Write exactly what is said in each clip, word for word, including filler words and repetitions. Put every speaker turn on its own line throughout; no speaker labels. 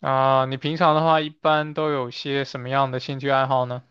啊，你平常的话一般都有些什么样的兴趣爱好呢？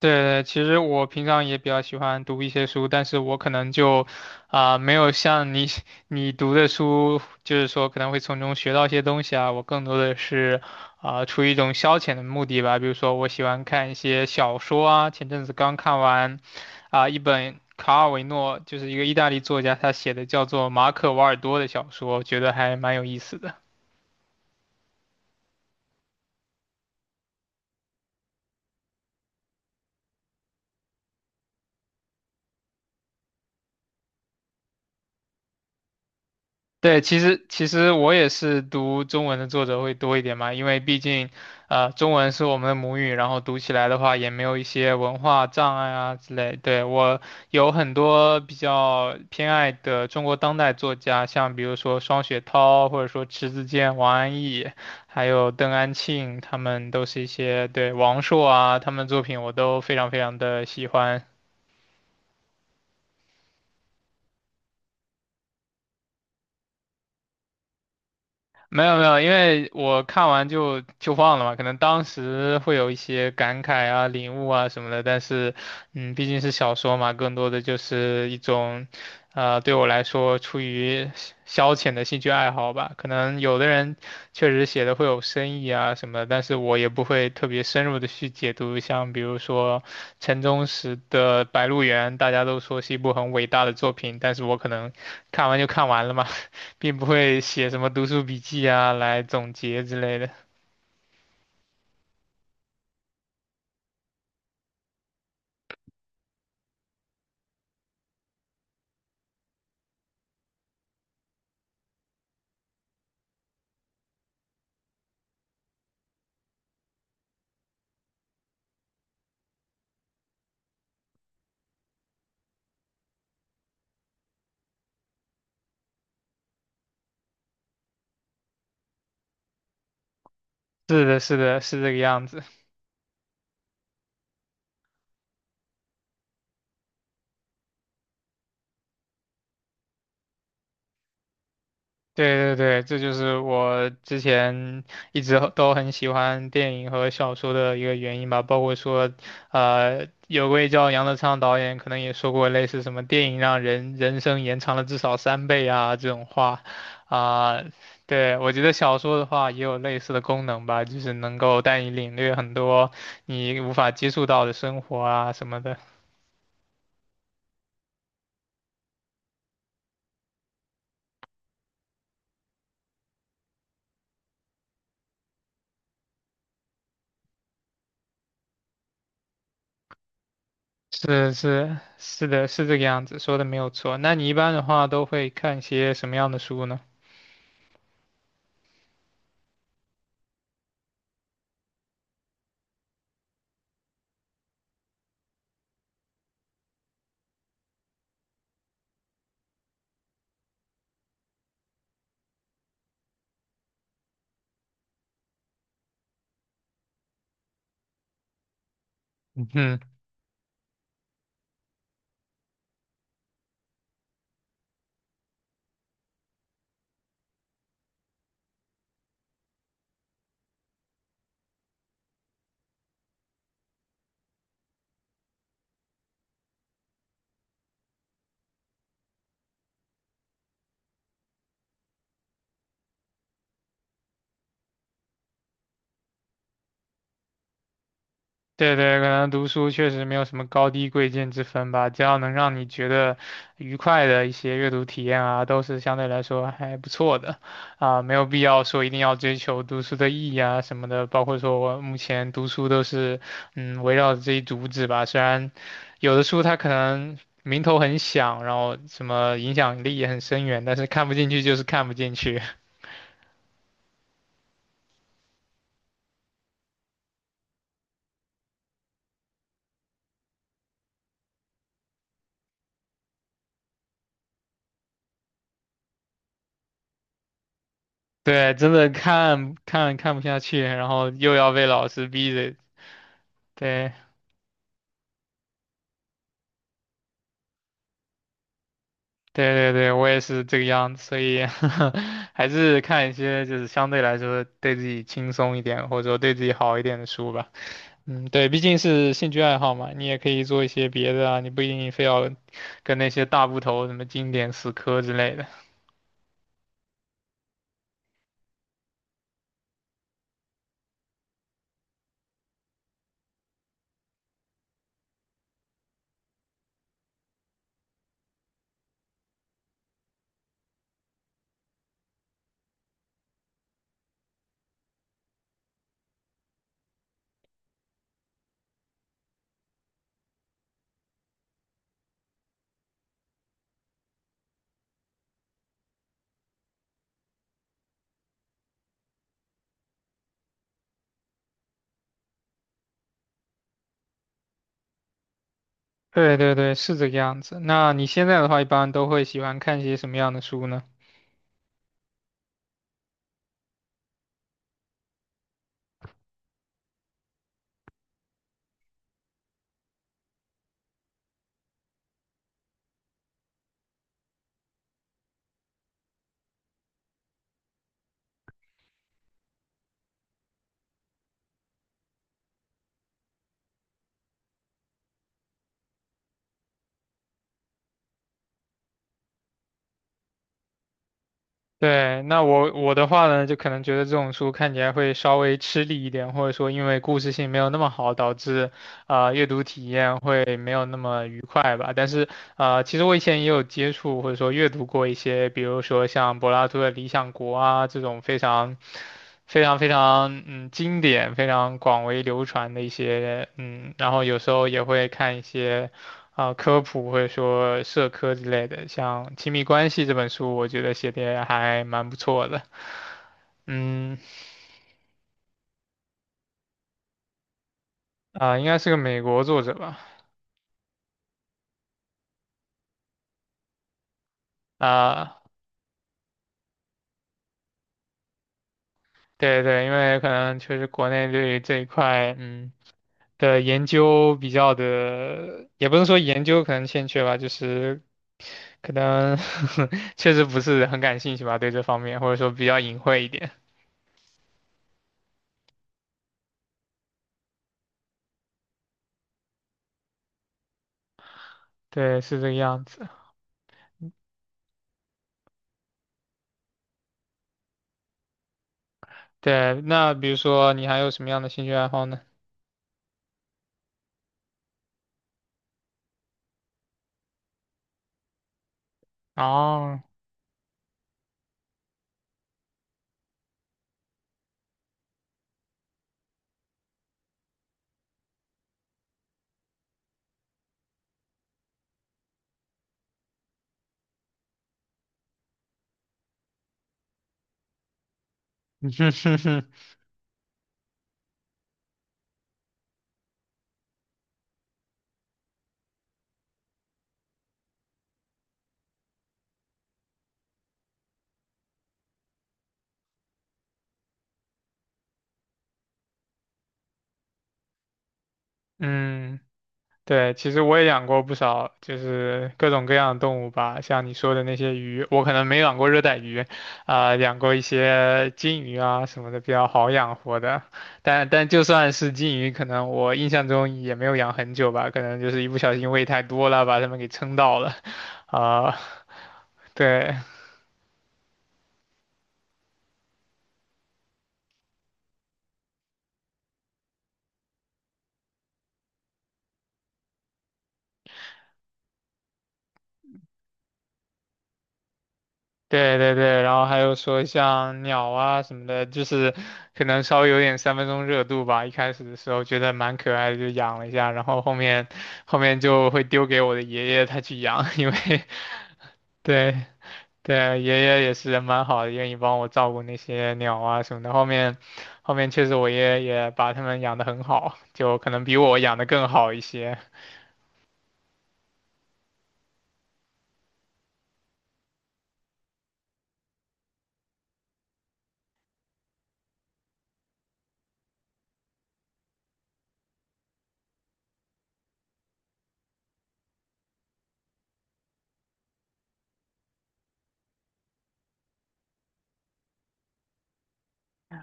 对，对，其实我平常也比较喜欢读一些书，但是我可能就，啊、没有像你 你读的书，就是说可能会从中学到一些东西啊。我更多的是，啊、出于一种消遣的目的吧。比如说，我喜欢看一些小说啊，前阵子刚看完，啊、一本卡尔维诺，就是一个意大利作家他写的叫做《马可·瓦尔多》的小说，我觉得还蛮有意思的。对，其实其实我也是读中文的作者会多一点嘛，因为毕竟，呃，中文是我们的母语，然后读起来的话也没有一些文化障碍啊之类。对，我有很多比较偏爱的中国当代作家，像比如说双雪涛，或者说迟子建、王安忆，还有邓安庆，他们都是一些，对，王朔啊，他们的作品我都非常非常的喜欢。没有没有，因为我看完就就忘了嘛，可能当时会有一些感慨啊、领悟啊什么的，但是，嗯，毕竟是小说嘛，更多的就是一种，呃，对我来说出于消消遣的兴趣爱好吧。可能有的人确实写的会有深意啊什么的，但是我也不会特别深入的去解读，像比如说陈忠实的《白鹿原》，大家都说是一部很伟大的作品，但是我可能看完就看完了嘛。并不会写什么读书笔记啊来总结之类的。是的，是的，是这个样子。对对对，这就是我之前一直都很喜欢电影和小说的一个原因吧。包括说，呃，有位叫杨德昌导演可能也说过类似什么电影让人人生延长了至少三倍啊这种话，啊、对，我觉得小说的话也有类似的功能吧，就是能够带你领略很多你无法接触到的生活啊什么的。是是是的，是这个样子，说的没有错。那你一般的话都会看些什么样的书呢？嗯对对，可能读书确实没有什么高低贵贱之分吧，只要能让你觉得愉快的一些阅读体验啊，都是相对来说还不错的，啊，没有必要说一定要追求读书的意义啊什么的。包括说我目前读书都是，嗯，围绕着这一主旨吧。虽然有的书它可能名头很响，然后什么影响力也很深远，但是看不进去就是看不进去。对，真的看看看不下去，然后又要被老师逼着，对。对对对，我也是这个样子，所以 还是看一些就是相对来说对自己轻松一点，或者说对自己好一点的书吧。嗯，对，毕竟是兴趣爱好嘛，你也可以做一些别的啊，你不一定非要跟那些大部头什么经典死磕之类的。对对对，是这个样子。那你现在的话，一般都会喜欢看一些什么样的书呢？对，那我我的话呢，就可能觉得这种书看起来会稍微吃力一点，或者说因为故事性没有那么好，导致啊、呃阅读体验会没有那么愉快吧。但是啊、呃其实我以前也有接触或者说阅读过一些，比如说像柏拉图的《理想国》啊这种非常非常非常嗯经典、非常广为流传的一些嗯，然后有时候也会看一些。啊科普或者说社科之类的，像《亲密关系》这本书，我觉得写的还蛮不错的。嗯，啊，应该是个美国作者吧？啊，对对，因为可能确实国内对于这一块，嗯。的研究比较的，也不是说研究可能欠缺吧，就是可能 确实不是很感兴趣吧，对这方面，或者说比较隐晦一点。对，是这个样子。对，那比如说你还有什么样的兴趣爱好呢？哦，嗯，对，其实我也养过不少，就是各种各样的动物吧，像你说的那些鱼，我可能没养过热带鱼，啊、养过一些金鱼啊什么的，比较好养活的。但但就算是金鱼，可能我印象中也没有养很久吧，可能就是一不小心喂太多了，把它们给撑到了，啊、对，对对对，然后还有说像鸟啊什么的，就是可能稍微有点三分钟热度吧。一开始的时候觉得蛮可爱的，就养了一下，然后后面后面就会丢给我的爷爷他去养，因为对对，爷爷也是人蛮好的，愿意帮我照顾那些鸟啊什么的。后面后面确实我爷爷也把它们养得很好，就可能比我养的更好一些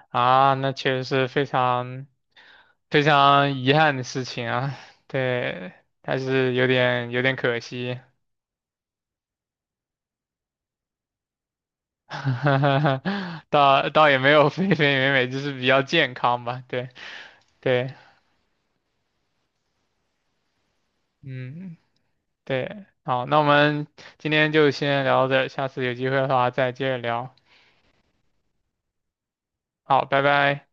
啊。那确实是非常。非常遗憾的事情啊，对，还是有点有点可惜，倒倒也没有非非美美，就是比较健康吧，对对，嗯对，好，那我们今天就先聊到这儿，下次有机会的话再接着聊，好，拜拜。